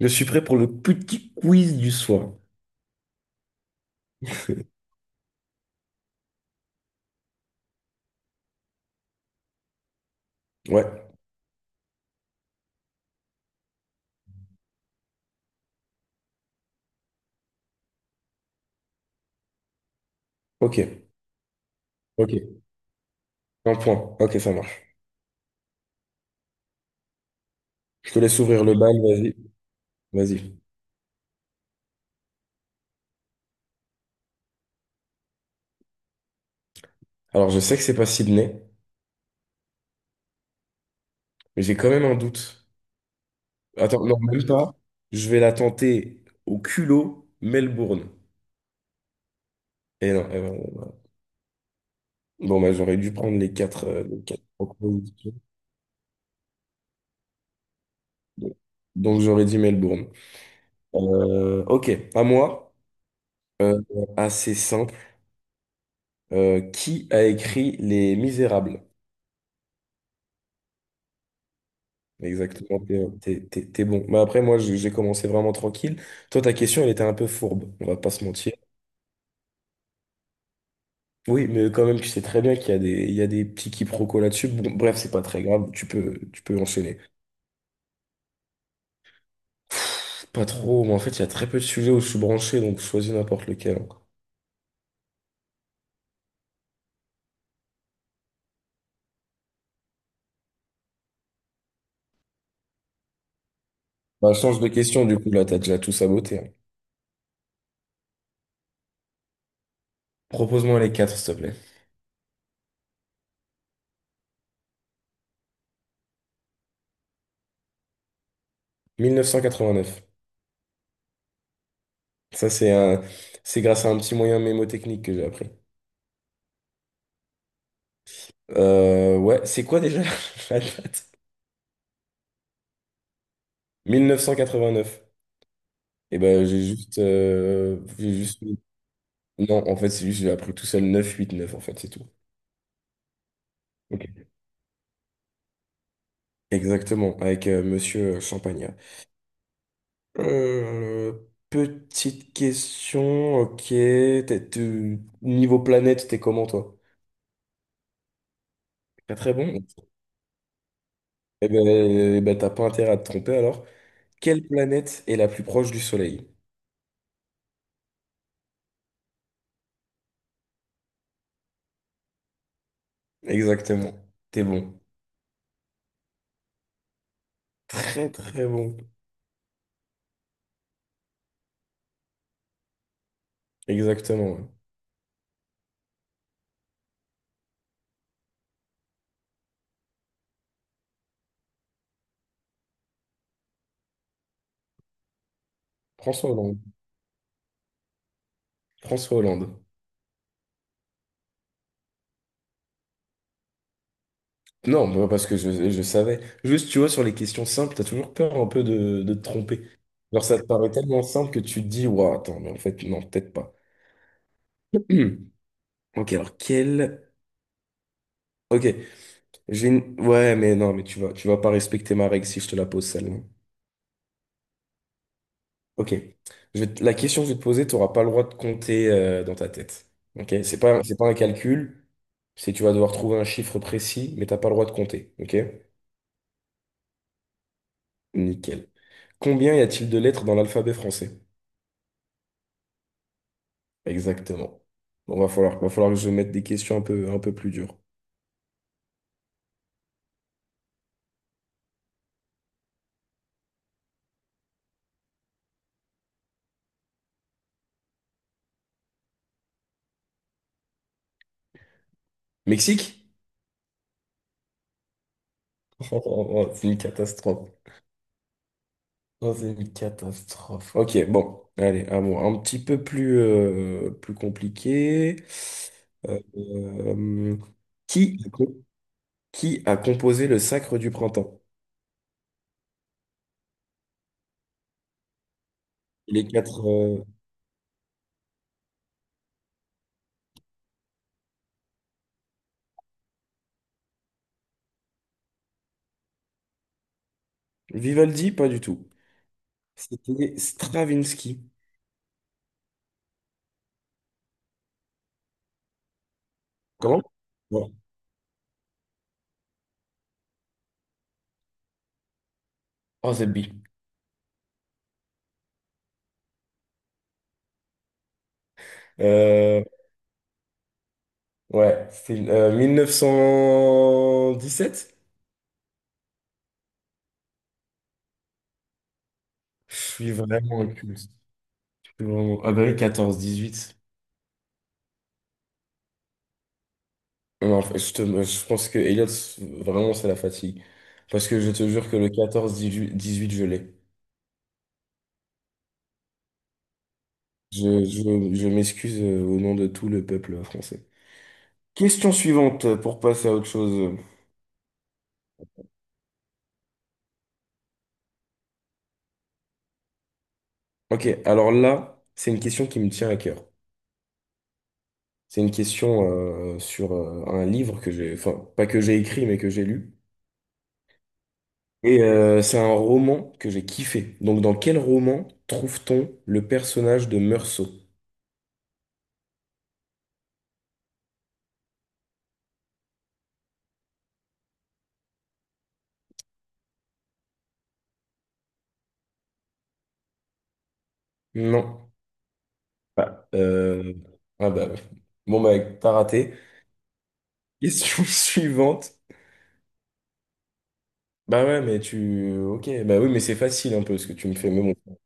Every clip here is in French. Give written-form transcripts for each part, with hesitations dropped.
Je suis prêt pour le petit quiz du soir. Ouais, ok, ok. Un point, ok, ça marche. Je te laisse ouvrir le bal, vas-y, vas-y. Alors, je sais que c'est pas Sydney, mais j'ai quand même un doute. Attends, non, même pas. Je vais la tenter au culot Melbourne. Et non, eh ben, bon, bah, j'aurais dû prendre les quatre propositions. Donc, j'aurais dit Melbourne. Ok, à moi. Euh, Assez simple. Qui a écrit Les Misérables? Exactement, t'es bon. Mais après, moi, j'ai commencé vraiment tranquille. Toi, ta question, elle était un peu fourbe, on va pas se mentir. Oui, mais quand même, tu sais très bien qu'il y a des, petits quiproquos là-dessus. Bon, bref, c'est pas très grave, tu peux enchaîner. Pff, pas trop, mais en fait, il y a très peu de sujets où je suis branché, donc choisis n'importe lequel, hein. Bah, change de question, du coup, là, t'as déjà tout saboté, hein. Propose-moi les quatre, s'il te plaît. 1989. Ça, c'est grâce à un petit moyen mémotechnique que j'ai appris. Ouais, c'est quoi déjà la date? 1989. Et ben j'ai juste... Non, en fait, c'est juste, j'ai appris tout seul 9 8 9 en fait, c'est tout. Ok. Exactement, avec Monsieur Champagnat. Euh, Petite question, ok. Niveau planète, t'es comment, toi? Pas très bon? Eh ben, t'as pas intérêt à te tromper, alors. Quelle planète est la plus proche du Soleil? Exactement. T'es bon. Très, très bon. Exactement, ouais. François Hollande. François Hollande. Non, bah, parce que je savais. Juste, tu vois, sur les questions simples, t'as toujours peur un peu de te tromper. Genre, ça te paraît tellement simple que tu te dis, ouah, attends, mais en fait, non, peut-être pas. Ok, alors, quel... Ok, j'ai une... Ouais, mais non, mais tu vas pas respecter ma règle si je te la pose, celle-là. Ok, la question que je vais te poser, t'auras pas le droit de compter dans ta tête. Ok, c'est pas un calcul, c'est tu vas devoir trouver un chiffre précis, mais t'as pas le droit de compter. Ok, nickel. Combien y a-t-il de lettres dans l'alphabet français? Exactement. Bon, va falloir que je mette des questions un peu plus dures. Mexique? Oh, oh, oh, c'est une catastrophe. Oh, c'est une catastrophe. Ok, bon, allez, à moi. Un petit peu plus compliqué. Euh, euh, qui, a co- qui a composé le Sacre du Printemps? Les quatre. Vivaldi, pas du tout. C'était Stravinsky. Comment? Ouais. Oh, c'est B. Euh, ouais, c'est 1917? Je suis vraiment inculte. Je suis vraiment... Ah bah oui, 14-18. Non, en fait, je pense que Elliot, vraiment, c'est la fatigue. Parce que je te jure que le 14-18, je l'ai. Je m'excuse au nom de tout le peuple français. Question suivante pour passer à autre chose. Ok, alors là, c'est une question qui me tient à cœur. C'est une question sur un livre que j'ai, enfin, pas que j'ai écrit, mais que j'ai lu. Et c'est un roman que j'ai kiffé. Donc, dans quel roman trouve-t-on le personnage de Meursault? Non. Ah, ah bah, ouais. Bon, bah, t'as raté. Question suivante. Bah ouais, mais tu... Ok, bah oui, mais c'est facile un peu ce que tu me fais. Mais bon.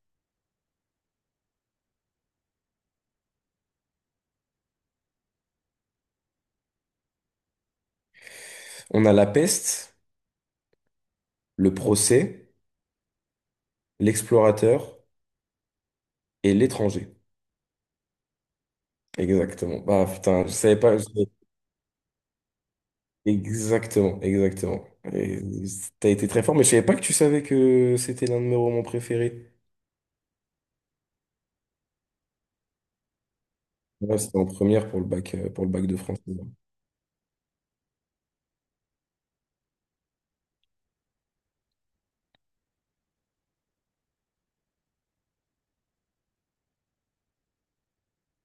On a la peste, le procès, l'explorateur et l'étranger. Exactement. Ah putain, je savais pas... je Exactement, exactement. Et t'as été très fort, mais je savais pas que tu savais que c'était l'un de mes romans préférés. Ouais, c'était en première pour le pour le bac de français.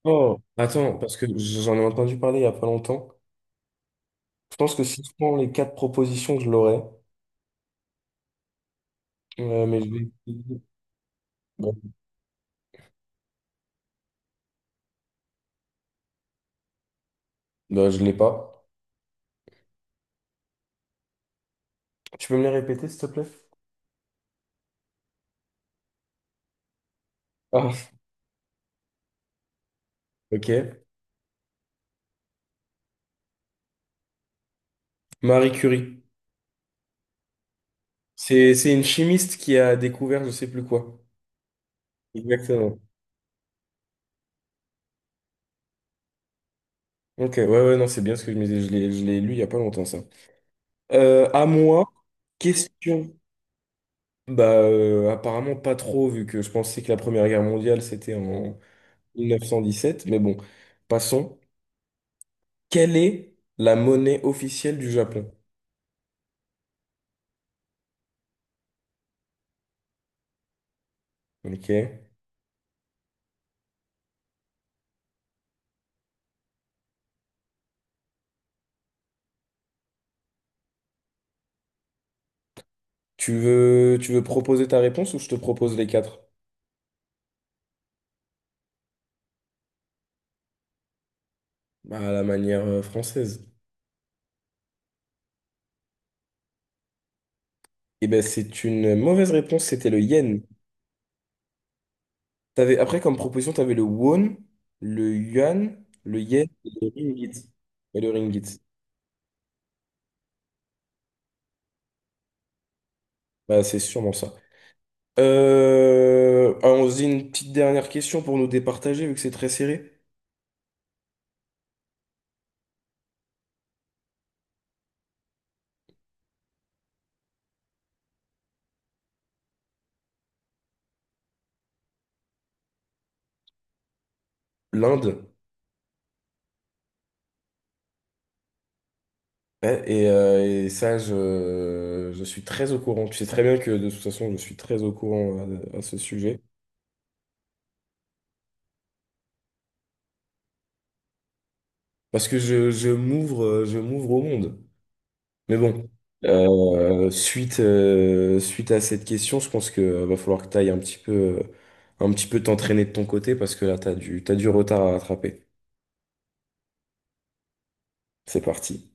Oh, attends, parce que j'en ai entendu parler il n'y a pas longtemps. Je pense que si je prends les quatre propositions, je l'aurai. Mais je vais... Bon. Bah, je ne l'ai pas. Tu peux me les répéter, s'il te plaît? Ah, ok. Marie Curie. C'est une chimiste qui a découvert je sais plus quoi. Exactement. Ok, ouais, ouais, non, c'est bien ce que je me disais. Je l'ai lu il n'y a pas longtemps, ça. À moi, question. Bah, apparemment pas trop, vu que je pensais que la Première Guerre mondiale, c'était en... 1917, mais bon, passons. Quelle est la monnaie officielle du Japon? Ok. Tu veux proposer ta réponse ou je te propose les quatre? Bah, à la manière française. Eh ben, c'est une mauvaise réponse, c'était le yen. T'avais, après, comme proposition, tu avais le won, le yuan, le yen et le ringgit. Et le ringgit. Bah, c'est sûrement ça. Allons-y, une petite dernière question pour nous départager, vu que c'est très serré. L'Inde. Ouais, et ça, je suis très au courant. Tu sais très bien que de toute façon, je suis très au courant à ce sujet. Parce que je m'ouvre au monde. Mais bon, suite à cette question, je pense que va falloir que tu ailles un petit peu t'entraîner de ton côté parce que là, t'as du retard à rattraper. C'est parti.